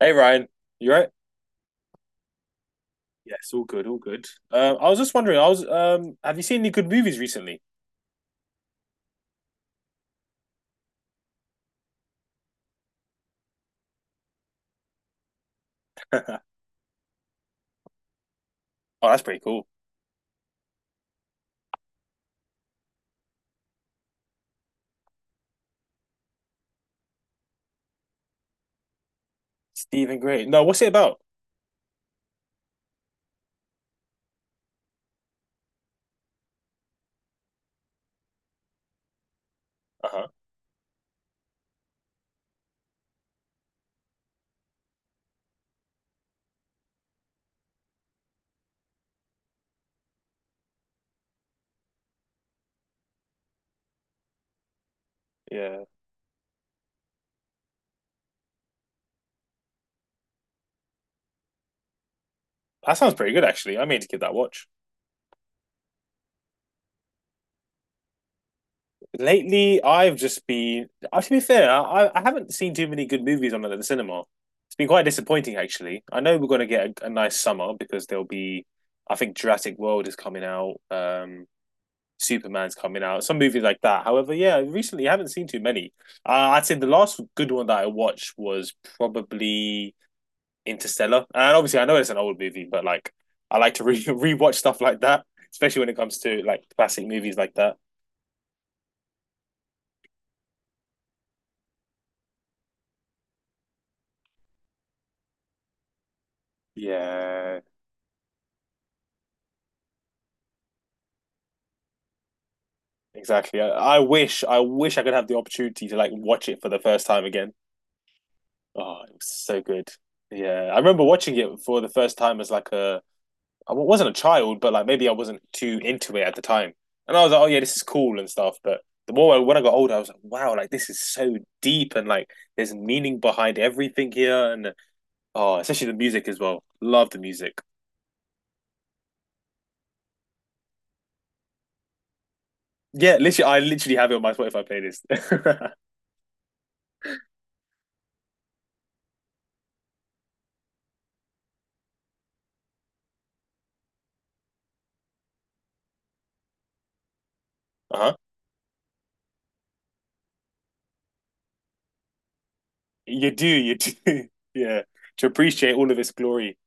Hey Ryan, you right? Yes, all good, all good. I was just wondering, I was have you seen any good movies recently? Oh, that's pretty cool. Stephen Gray. No, what's it about? Uh-huh. Yeah. That sounds pretty good actually. I mean to give that a watch. Lately, I've just been to be fair, I haven't seen too many good movies on at the cinema. It's been quite disappointing actually. I know we're gonna get a nice summer because there'll be I think Jurassic World is coming out. Superman's coming out, some movie like that. However, yeah, recently I haven't seen too many. I'd say the last good one that I watched was probably Interstellar, and obviously I know it's an old movie, but I like to re rewatch stuff like that, especially when it comes to like classic movies like that. Yeah, exactly. I wish I could have the opportunity to like watch it for the first time again. Oh, it was so good. Yeah, I remember watching it for the first time as like a I wasn't a child, but like maybe I wasn't too into it at the time. And I was like, oh yeah, this is cool and stuff. But when I got older, I was like, wow, like this is so deep and like there's meaning behind everything here. And oh, especially the music as well. Love the music. Yeah, literally, I literally have it on my Spotify playlist. Uh-huh. You do, you do. Yeah. To appreciate all of its glory.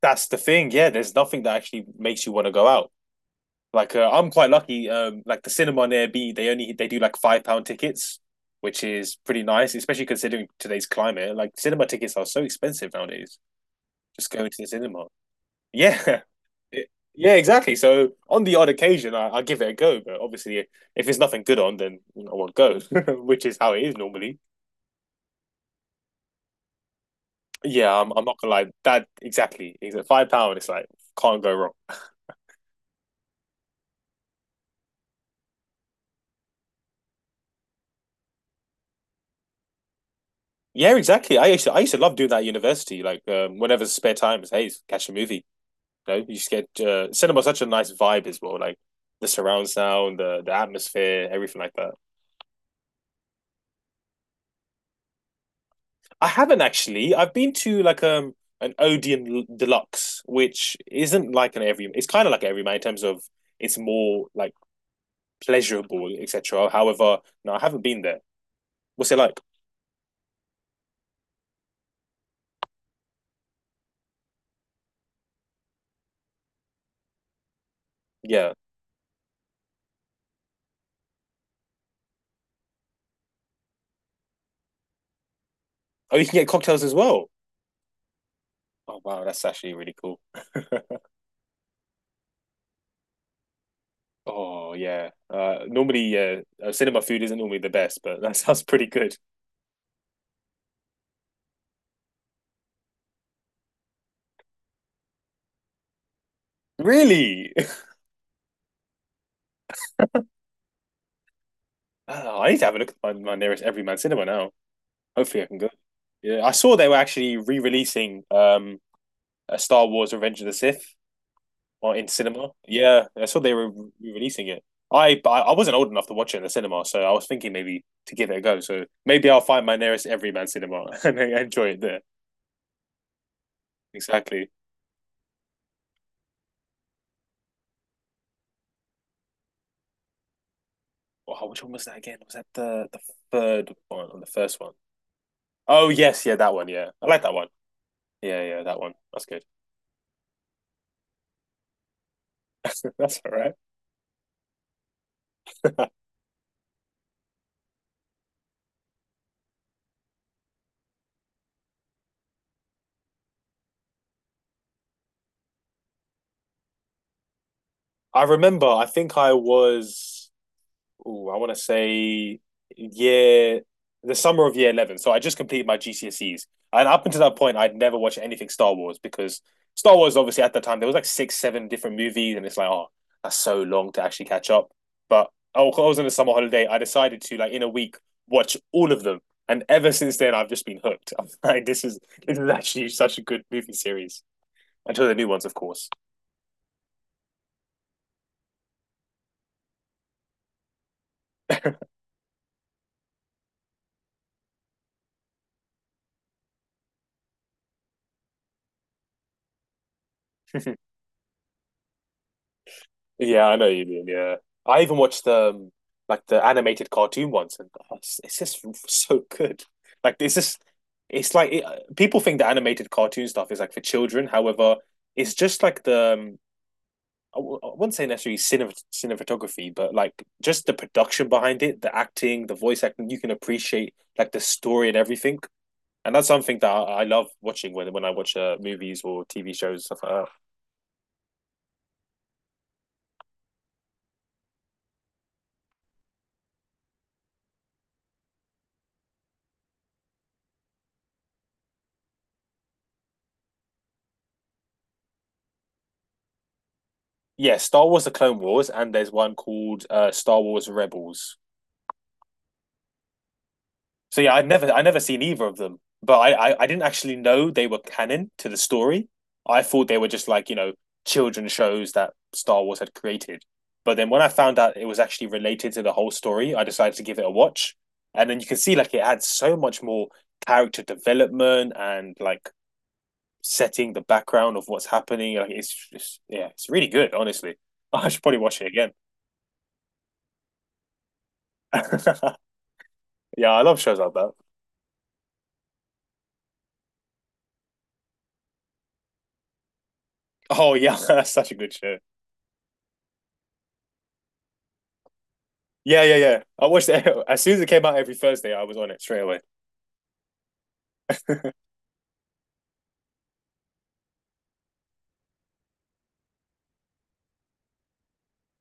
That's the thing. Yeah, there's nothing that actually makes you want to go out. I'm quite lucky. Like the cinema near B, they do like £5 tickets, which is pretty nice, especially considering today's climate. Like cinema tickets are so expensive nowadays. Just going to the cinema. Yeah, yeah, exactly. So on the odd occasion, I give it a go. But obviously, if there's nothing good on, then I won't go, which is how it is normally. Yeah, I'm not gonna lie. That exactly. Exactly. £5. It's like can't go wrong. Yeah, exactly. I used to love doing that at university. Whenever spare time is, hey, catch a movie. You know, you just get cinema such a nice vibe as well, like the surround sound, the atmosphere, everything like that. I haven't actually. I've been to an Odeon Deluxe, which isn't like an every. It's kind of like an everyman in terms of it's more like pleasurable, etc. However, no, I haven't been there. What's it like? Yeah. Oh, you can get cocktails as well. Oh wow, that's actually really cool. oh yeah. Cinema food isn't normally the best, but that sounds pretty good. Really? I don't know. I need to have a look at my nearest Everyman cinema now. Hopefully, I can go. Yeah, I saw they were actually re-releasing a Star Wars: Revenge of the Sith on in cinema. Yeah, I saw they were re-releasing it. I wasn't old enough to watch it in the cinema, so I was thinking maybe to give it a go. So maybe I'll find my nearest Everyman cinema and enjoy it there. Exactly. Wow, which one was that again? Was that the third one or the first one? Oh yes, yeah, that one. Yeah, I like that one. Yeah, yeah, that one. That's good. That's all right. I remember, I think I was, ooh, I want to say year, the summer of year 11. So I just completed my GCSEs. And up until that point, I'd never watched anything Star Wars because Star Wars, obviously, at the time, there was like six, seven different movies. And it's like, oh, that's so long to actually catch up. But oh, I was on a summer holiday. I decided to, like, in a week, watch all of them. And ever since then, I've just been hooked. I'm like, this is actually such a good movie series until the new ones, of course. Yeah, I know what you mean. Yeah, I even watched the animated cartoon once, and oh, it's just so good. Like it's just it's like it, people think the animated cartoon stuff is like for children. However, it's just like the I w- I wouldn't say necessarily cinematography, but like just the production behind it, the acting, the voice acting. You can appreciate like the story and everything, and that's something that I love watching when I watch movies or TV shows stuff like that. Yeah, Star Wars: The Clone Wars, and there's one called Star Wars Rebels. So yeah, I never seen either of them, but I didn't actually know they were canon to the story. I thought they were just like you know children shows that Star Wars had created. But then when I found out it was actually related to the whole story, I decided to give it a watch. And then you can see like it had so much more character development and like setting the background of what's happening. Like it's just yeah, it's really good. Honestly, I should probably watch it again. Yeah, I love shows like that. Oh yeah, that's such a good show. Yeah. I watched it as soon as it came out every Thursday. I was on it straight away.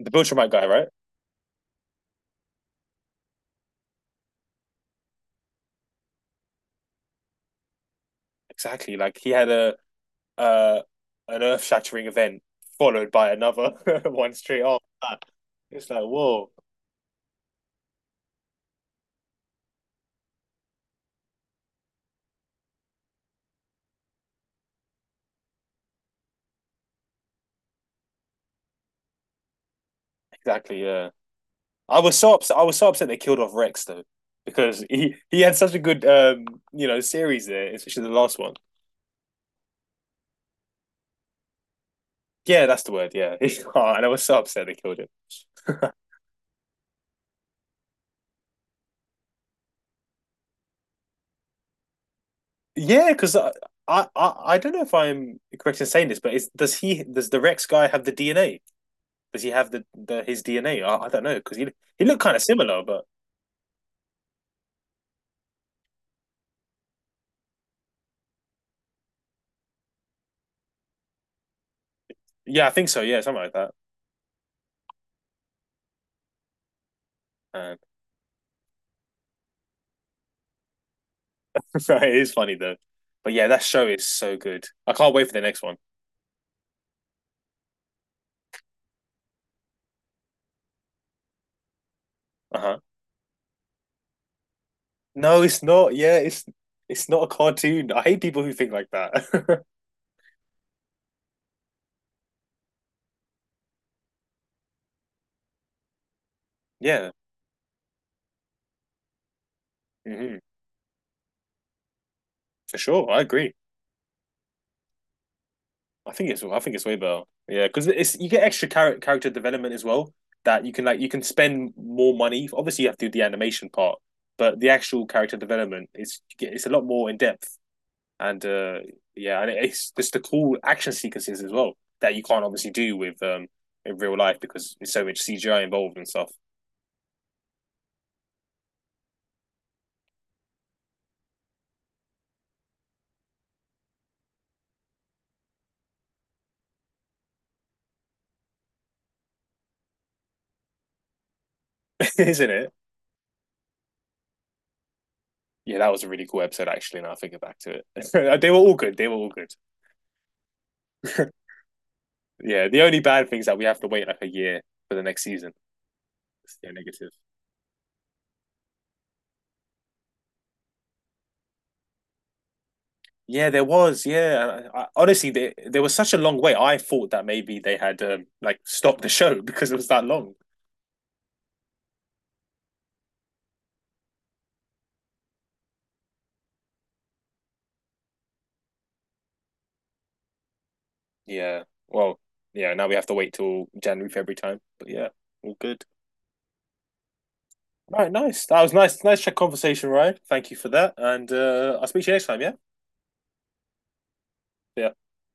The Bilchamite guy, right? Exactly. Like he had a uh an earth shattering event followed by another one straight off. It's like whoa. Exactly. Yeah. I was so upset. I was so upset they killed off Rex though, because he had such a good series there, especially the last one. Yeah, that's the word. Yeah. oh, and I was so upset they killed it. Yeah, because I don't know if I'm correct in saying this, but is does he does the Rex guy have the DNA? Does he have the his DNA? I don't know because he looked kind of similar, but yeah, I think so. Yeah, something like that. Um, it is funny though, but yeah, that show is so good. I can't wait for the next one. Uh huh. No, it's not. Yeah, it's not a cartoon. I hate people who think like that. yeah, hmm for sure. I agree. I think it's way better. Yeah, because it's you get extra character development as well. That you can like you can spend more money. Obviously, you have to do the animation part, but the actual character development is it's a lot more in depth. And yeah, and it's just the cool action sequences as well that you can't obviously do with in real life because there's so much CGI involved and stuff. Isn't it? Yeah, that was a really cool episode, actually. Now I think back to it, they were all good. They were all good. yeah, the only bad thing is that we have to wait like a year for the next season. It's the negative. Yeah, there was. Yeah, honestly, there was such a long wait. I thought that maybe they had like stopped the show because it was that long. Yeah. Well, yeah. Now we have to wait till January, February time. But yeah, all good. All right. Nice. That was nice. Nice conversation, Ryan. Thank you for that. And I'll speak to you next time. Yeah. Yeah.